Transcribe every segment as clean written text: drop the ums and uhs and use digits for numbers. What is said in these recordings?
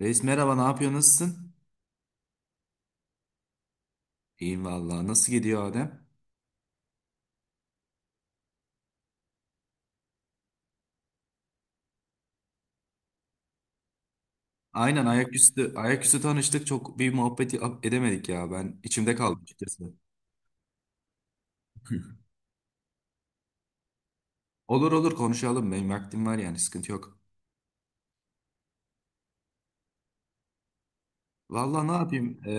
Reis merhaba, ne yapıyor, nasılsın? İyiyim vallahi. Nasıl gidiyor Adem? Aynen ayaküstü tanıştık. Çok bir muhabbeti edemedik ya. Ben içimde kaldı açıkçası. Olur olur konuşalım. Benim vaktim var yani sıkıntı yok. Vallahi ne yapayım? Ee,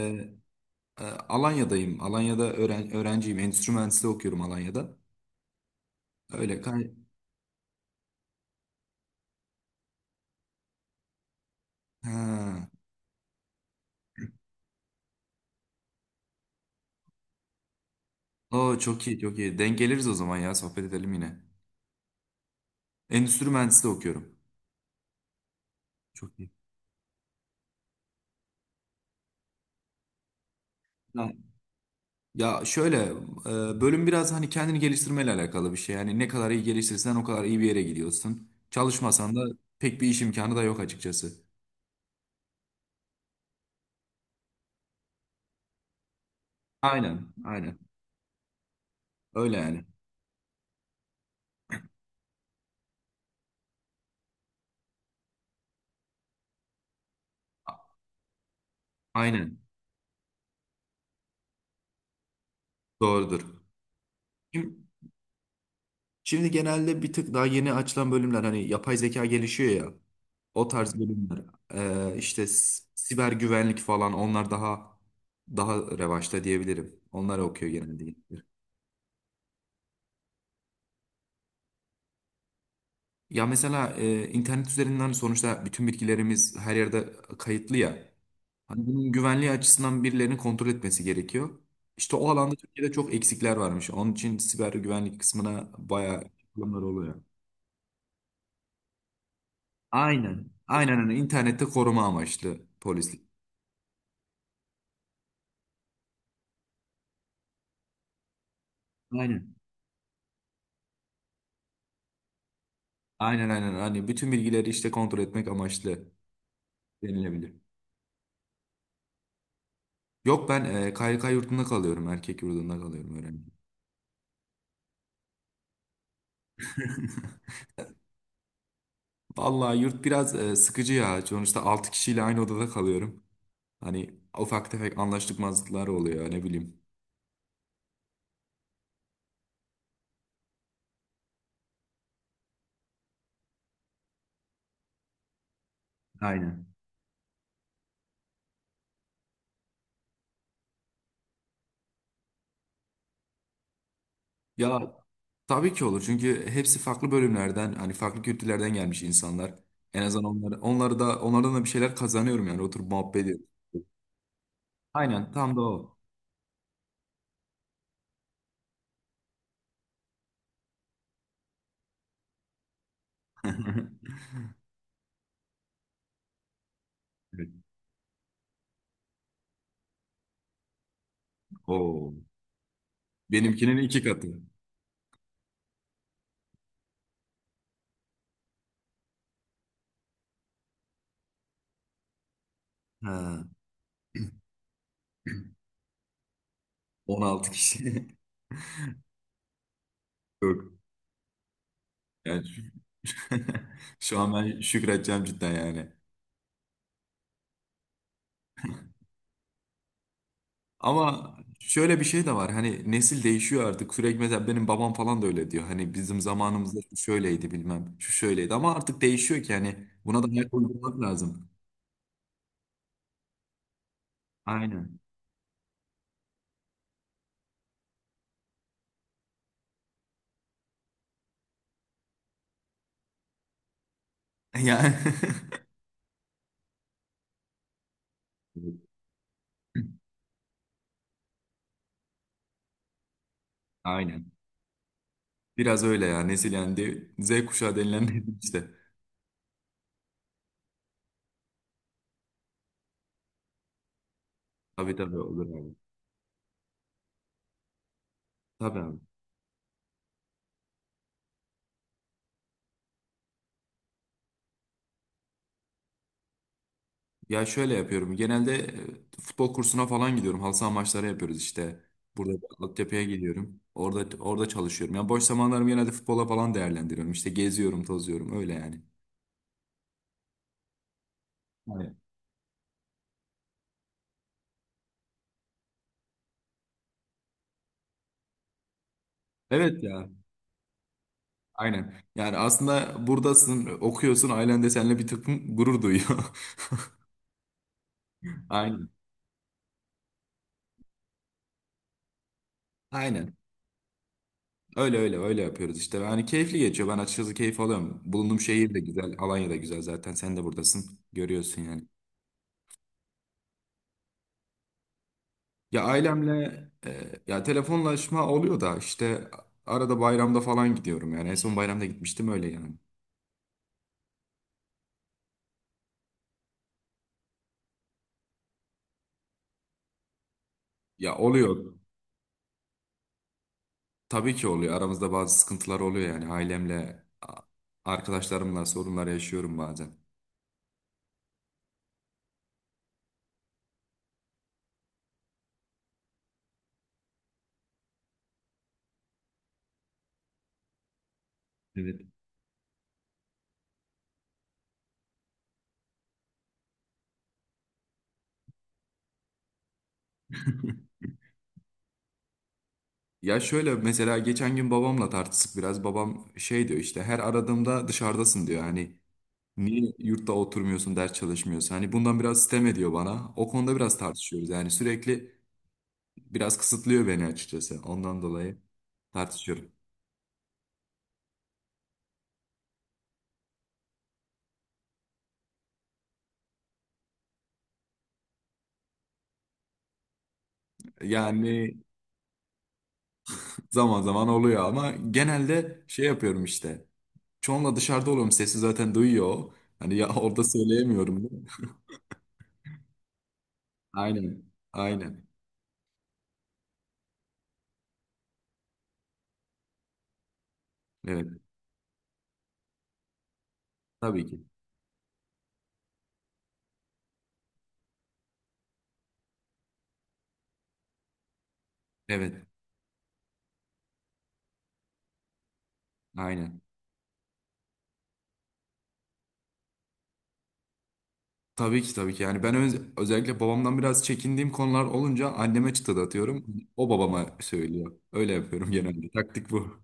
e, Alanya'dayım. Alanya'da öğrenciyim. Endüstri mühendisliği okuyorum Alanya'da. Öyle kay... Ha. Oo, çok iyi çok iyi. Denk geliriz o zaman ya. Sohbet edelim yine. Endüstri mühendisliği okuyorum. Çok iyi. Ya şöyle bölüm biraz hani kendini geliştirmeyle alakalı bir şey. Yani ne kadar iyi geliştirirsen o kadar iyi bir yere gidiyorsun. Çalışmasan da pek bir iş imkanı da yok açıkçası. Aynen, aynen. Öyle yani. Aynen. Doğrudur. Şimdi, şimdi genelde bir tık daha yeni açılan bölümler hani yapay zeka gelişiyor ya. O tarz bölümler. İşte siber güvenlik falan onlar daha revaçta diyebilirim. Onlar okuyor genelde. Ya mesela internet üzerinden sonuçta bütün bilgilerimiz her yerde kayıtlı ya. Hani bunun güvenliği açısından birilerinin kontrol etmesi gerekiyor. İşte o alanda Türkiye'de çok eksikler varmış. Onun için siber güvenlik kısmına bayağı problemler oluyor. Aynen. Aynen öyle. İnternette koruma amaçlı polislik. Aynen. Aynen aynen. Hani bütün bilgileri işte kontrol etmek amaçlı denilebilir. Yok ben KYK yurdunda kalıyorum. Erkek yurdunda kalıyorum öğrenci. Vallahi yurt biraz sıkıcı ya. Sonuçta 6 kişiyle aynı odada kalıyorum. Hani ufak tefek anlaşmazlıklar oluyor ne bileyim. Aynen. Ya tabii ki olur çünkü hepsi farklı bölümlerden hani farklı kültürlerden gelmiş insanlar. En azından onları da onlardan da bir şeyler kazanıyorum yani oturup muhabbet ediyorum. Aynen tam da o. Evet. Oo. Benimkinin iki katı. Ha. 16 kişi. Yok. Yani şu an ben şükredeceğim cidden yani. Ama şöyle bir şey de var. Hani nesil değişiyor artık. Sürekli mesela benim babam falan da öyle diyor. Hani bizim zamanımızda şu şöyleydi bilmem. Şu şöyleydi. Ama artık değişiyor ki hani buna da ayak uydurmak lazım. Aynen. Yani aynen. Biraz öyle ya. Nesil yani Z kuşağı denilen nesil işte. Tabii tabii olur abi. Tabii abi. Ya şöyle yapıyorum. Genelde futbol kursuna falan gidiyorum. Halı saha maçları yapıyoruz işte. Burada bir altyapıya gidiyorum. Orada çalışıyorum. Yani boş zamanlarımı genelde futbola falan değerlendiriyorum. İşte geziyorum, tozuyorum öyle yani. Aynen. Evet ya. Aynen. Yani aslında buradasın, okuyorsun, ailen de seninle bir takım gurur duyuyor. Aynen. Aynen. Öyle öyle öyle yapıyoruz işte. Yani keyifli geçiyor. Ben açıkçası keyif alıyorum. Bulunduğum şehir de güzel, Alanya da güzel zaten. Sen de buradasın. Görüyorsun yani. Ya ailemle ya telefonlaşma oluyor da işte arada bayramda falan gidiyorum yani en son bayramda gitmiştim öyle yani. Ya oluyor tabii ki oluyor aramızda bazı sıkıntılar oluyor yani ailemle arkadaşlarımla sorunlar yaşıyorum bazen. Evet. Ya şöyle mesela geçen gün babamla tartıştık biraz, babam şey diyor işte her aradığımda dışarıdasın diyor, hani niye yurtta oturmuyorsun ders çalışmıyorsun, hani bundan biraz sitem ediyor bana, o konuda biraz tartışıyoruz yani sürekli biraz kısıtlıyor beni açıkçası. Ondan dolayı tartışıyorum. Yani zaman zaman oluyor ama genelde şey yapıyorum işte. Çoğunla dışarıda oluyorum. Sesi zaten duyuyor o. Hani ya orada söyleyemiyorum. Değil mi? Aynen. Aynen. Evet. Tabii ki. Evet. Aynen. Tabii ki tabii ki. Yani ben özellikle babamdan biraz çekindiğim konular olunca anneme çıtı da atıyorum. O babama söylüyor. Öyle yapıyorum genelde. Taktik bu.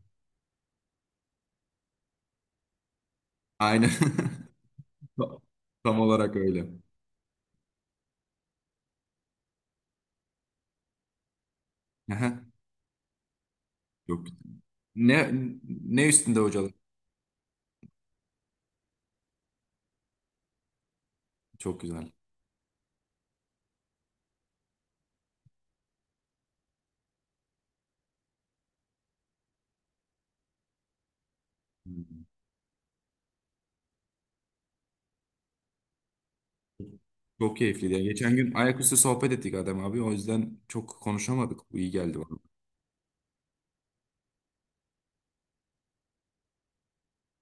Aynen. Tam olarak öyle. Aha. Yok. Ne ne üstünde hocalık? Çok güzel. Hmm. Çok keyifliydi ya. Geçen gün ayaküstü sohbet ettik Adem abi. O yüzden çok konuşamadık. Bu iyi geldi bana.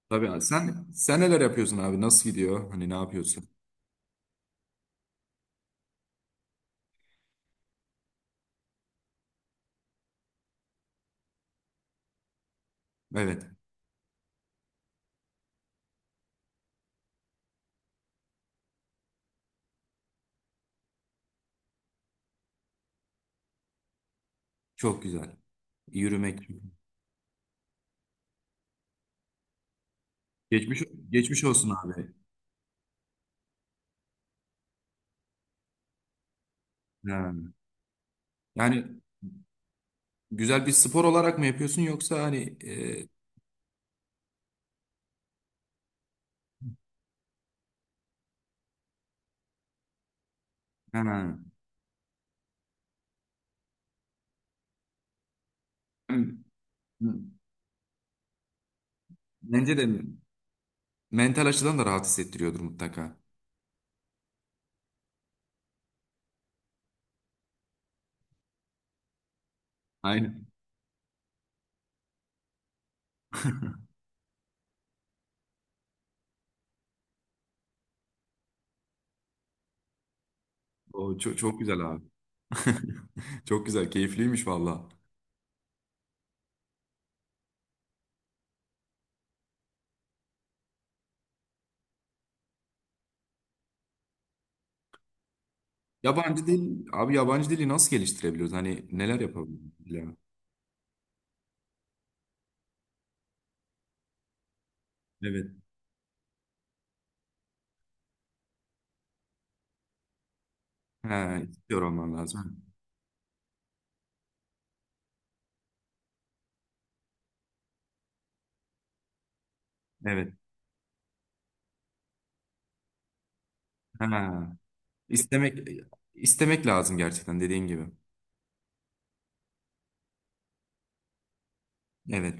Tabii abi. Sen neler yapıyorsun abi? Nasıl gidiyor? Hani ne yapıyorsun? Evet. Çok güzel. Yürümek. Geçmiş geçmiş olsun abi. Ha. Yani güzel bir spor olarak mı yapıyorsun yoksa hani ha. Bence de mental açıdan da rahat hissettiriyordur mutlaka. Aynen. O çok, çok güzel abi. Çok güzel, keyifliymiş valla. Yabancı dil, abi yabancı dili nasıl geliştirebiliyoruz? Hani neler yapabiliriz? Ya? Evet. Ha, istiyor olman lazım. Evet. Ha. İstemek, istemek lazım gerçekten dediğin gibi. Evet.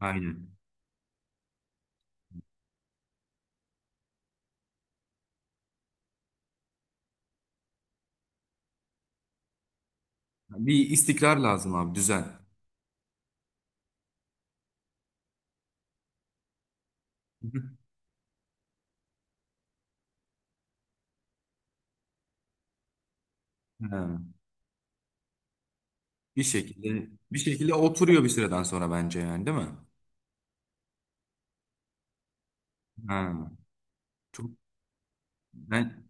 Aynen. Bir istikrar lazım abi, düzen. Ha. Bir şekilde oturuyor bir süreden sonra bence yani, değil mi? Ha. Çok ben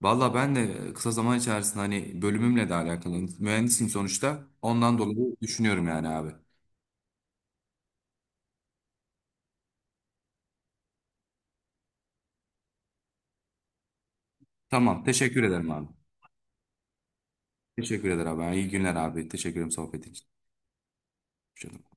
Valla ben de kısa zaman içerisinde hani bölümümle de alakalı mühendisim sonuçta. Ondan dolayı düşünüyorum yani abi. Tamam teşekkür ederim abi. Teşekkür ederim abi. İyi günler abi. Teşekkür ederim sohbet için. Hoşça kal.